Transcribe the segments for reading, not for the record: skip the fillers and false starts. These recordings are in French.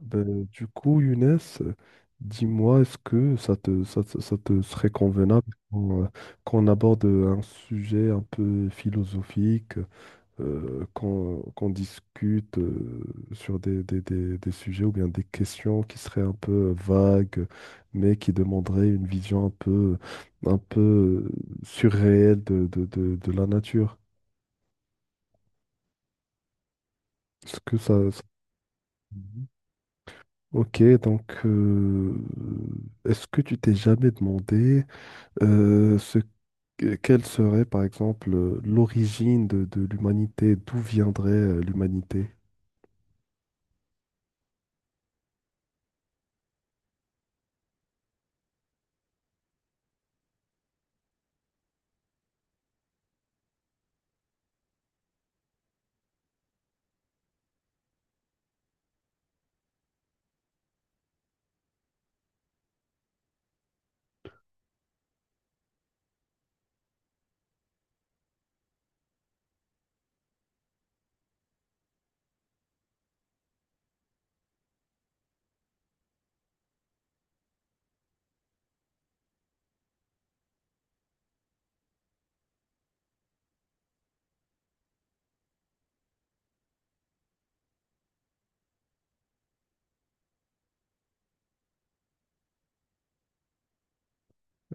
Younes, dis-moi, est-ce que ça te serait convenable qu'on qu'on aborde un sujet un peu philosophique, qu'on discute sur des sujets ou bien des questions qui seraient un peu vagues, mais qui demanderaient une vision un peu euh, surréelle de la nature? Est-ce que ça... ça- Mhm. Ok, donc est-ce que tu t'es jamais demandé Euh, ce, quelle serait, par exemple, l'origine de l'humanité? D'où viendrait l'humanité?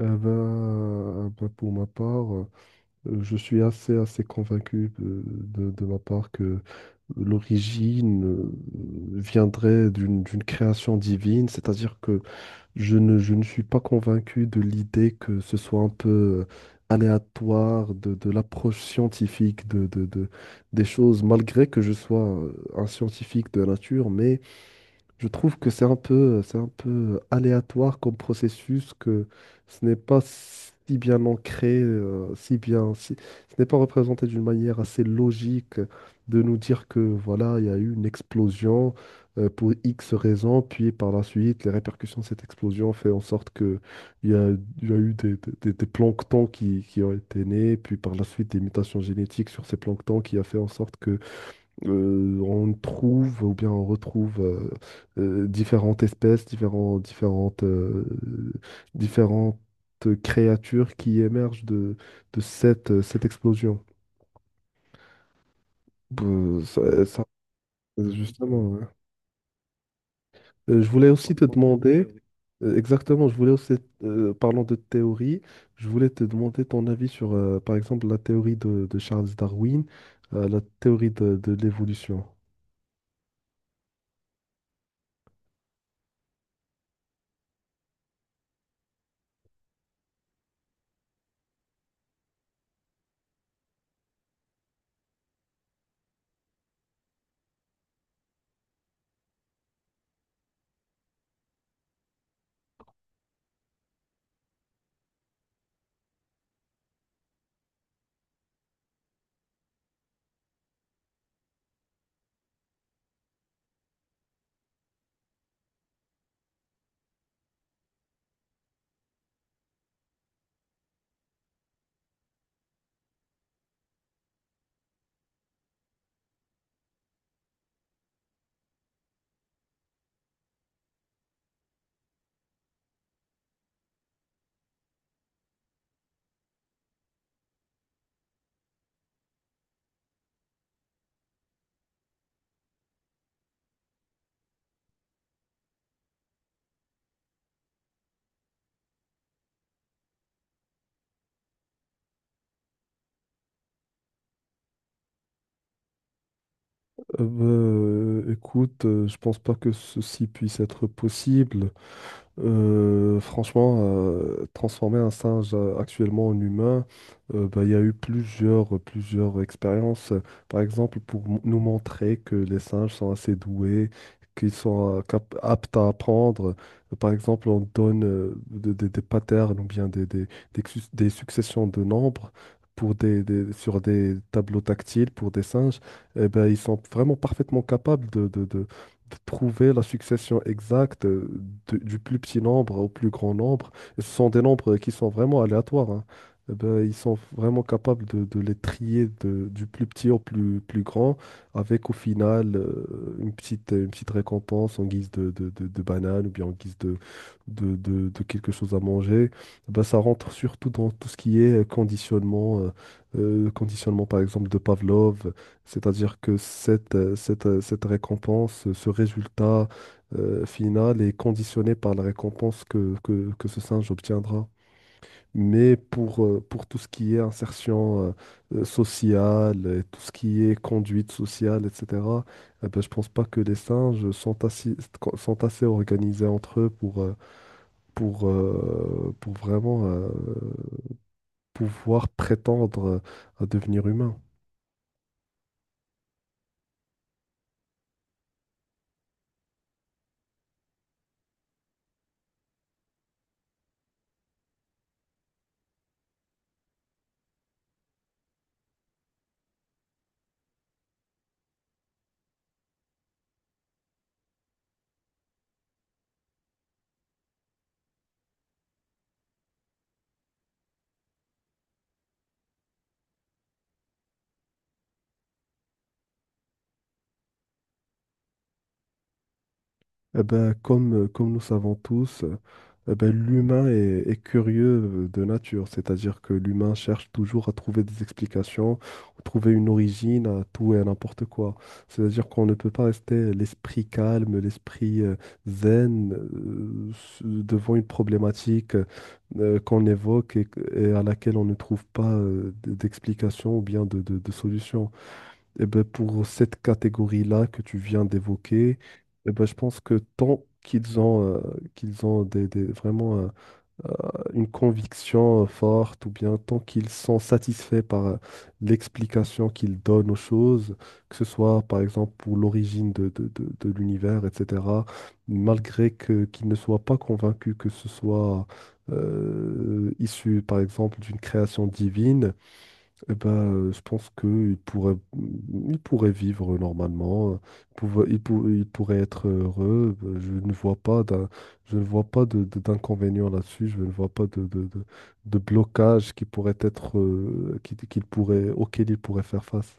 Pour ma part, je suis assez convaincu de ma part que l'origine viendrait d'une création divine, c'est-à-dire que je ne suis pas convaincu de l'idée que ce soit un peu aléatoire de l'approche scientifique de des choses, malgré que je sois un scientifique de nature, mais je trouve que c'est un peu aléatoire comme processus, que ce n'est pas si bien ancré, si bien, si- ce n'est pas représenté d'une manière assez logique de nous dire que voilà, il y a eu une explosion pour X raisons, puis par la suite, les répercussions de cette explosion fait en sorte que il y a, il y a eu des planctons qui ont été nés, puis par la suite des mutations génétiques sur ces planctons qui a fait en sorte que on trouve ou bien on retrouve différentes espèces, différentes créatures qui émergent de, de cette explosion. Euh, ça, ça, justement, je voulais aussi te demander, exactement, je voulais aussi, parlant de théorie, je voulais te demander ton avis sur, par exemple, la théorie de Charles Darwin, la théorie de l'évolution. Écoute, je pense pas que ceci puisse être possible. Franchement, transformer un singe actuellement en humain, bah, il y a eu plusieurs expériences. Par exemple, pour nous montrer que les singes sont assez doués, qu'ils sont aptes à apprendre. Par exemple, on donne des patterns ou bien des successions de nombres pour sur des tableaux tactiles pour des singes. Eh ben, ils sont vraiment parfaitement capables de trouver la succession exacte du plus petit nombre au plus grand nombre. Et ce sont des nombres qui sont vraiment aléatoires, hein. Eh ben, ils sont vraiment capables de les trier du plus petit au plus grand, avec au final une petite récompense en guise de banane ou bien en guise de quelque chose à manger. Eh ben, ça rentre surtout dans tout ce qui est conditionnement, conditionnement par exemple de Pavlov, c'est-à-dire que cette récompense, ce résultat final est conditionné par la récompense que ce singe obtiendra. Mais pour tout ce qui est insertion sociale, et tout ce qui est conduite sociale, etc., eh ben, je pense pas que les singes sont sont assez organisés entre eux pour, pour vraiment pouvoir prétendre à devenir humain. Eh ben, comme nous savons tous, eh ben, l'humain est curieux de nature, c'est-à-dire que l'humain cherche toujours à trouver des explications, ou trouver une origine à tout et à n'importe quoi. C'est-à-dire qu'on ne peut pas rester l'esprit calme, l'esprit zen devant une problématique qu'on évoque et à laquelle on ne trouve pas d'explication ou bien de solution. Eh ben, pour cette catégorie-là que tu viens d'évoquer, eh ben, je pense que tant qu'ils ont vraiment une conviction forte ou bien tant qu'ils sont satisfaits par l'explication qu'ils donnent aux choses, que ce soit par exemple pour l'origine de l'univers, etc., malgré que, qu'ils ne soient pas convaincus que ce soit issu par exemple d'une création divine, eh ben, je pense il pourrait vivre normalement, il pourrait être heureux. Je ne vois pas je ne vois pas d'inconvénient là-dessus. Je ne vois pas de blocage qui pourrait être, qu'il pourrait, auquel il pourrait faire face.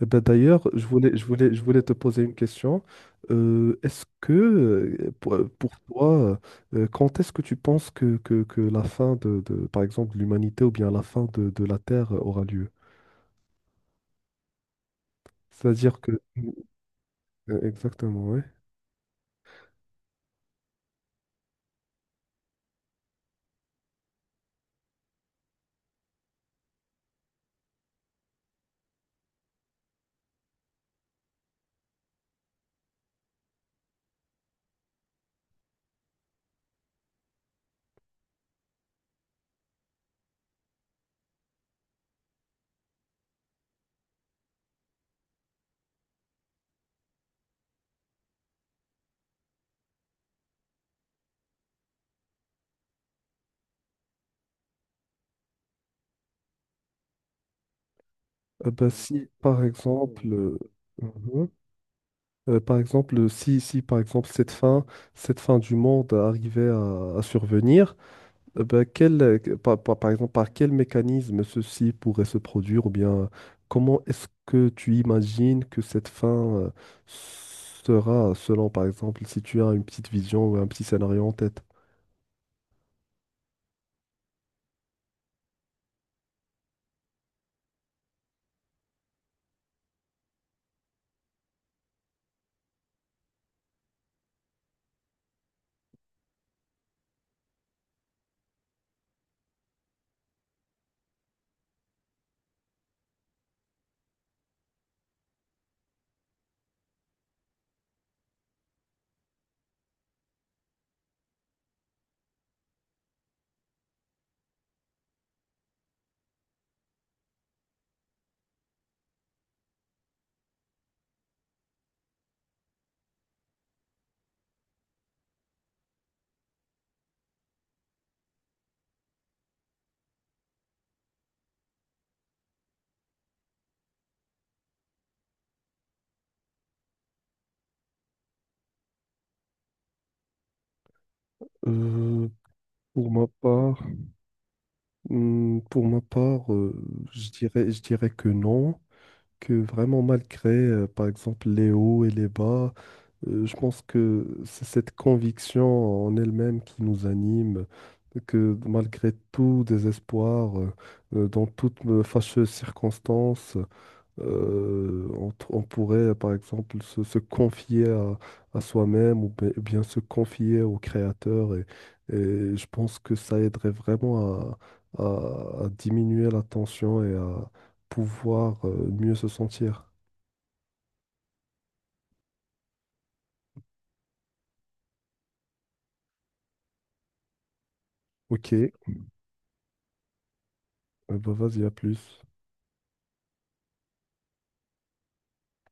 Eh ben, d'ailleurs, je voulais te poser une question. Est-ce que, pour toi, quand est-ce que tu penses que la fin par exemple, de l'humanité ou bien la fin de la Terre aura lieu? C'est-à-dire que, exactement, ouais. Bah, si, par exemple, mhm. Par exemple, si, si, par exemple, cette fin du monde arrivait à survenir, bah, quel, que- par, par- par exemple, par quel mécanisme ceci pourrait se produire, ou bien comment est-ce que tu imagines que cette fin, sera, selon, par exemple, si tu as une petite vision ou un petit scénario en tête? Euh, pour ma part, Pour ma part, je dirais que non, que vraiment malgré, par exemple, les hauts et les bas, je pense que c'est cette conviction en elle-même qui nous anime, que malgré tout désespoir, dans toute fâcheuse circonstance, on, on pourrait, par exemple, se confier à soi-même ou bien se confier au créateur. Et je pense que ça aiderait vraiment à diminuer la tension et à pouvoir mieux se sentir. Ok, euh, bah vas-y, à plus.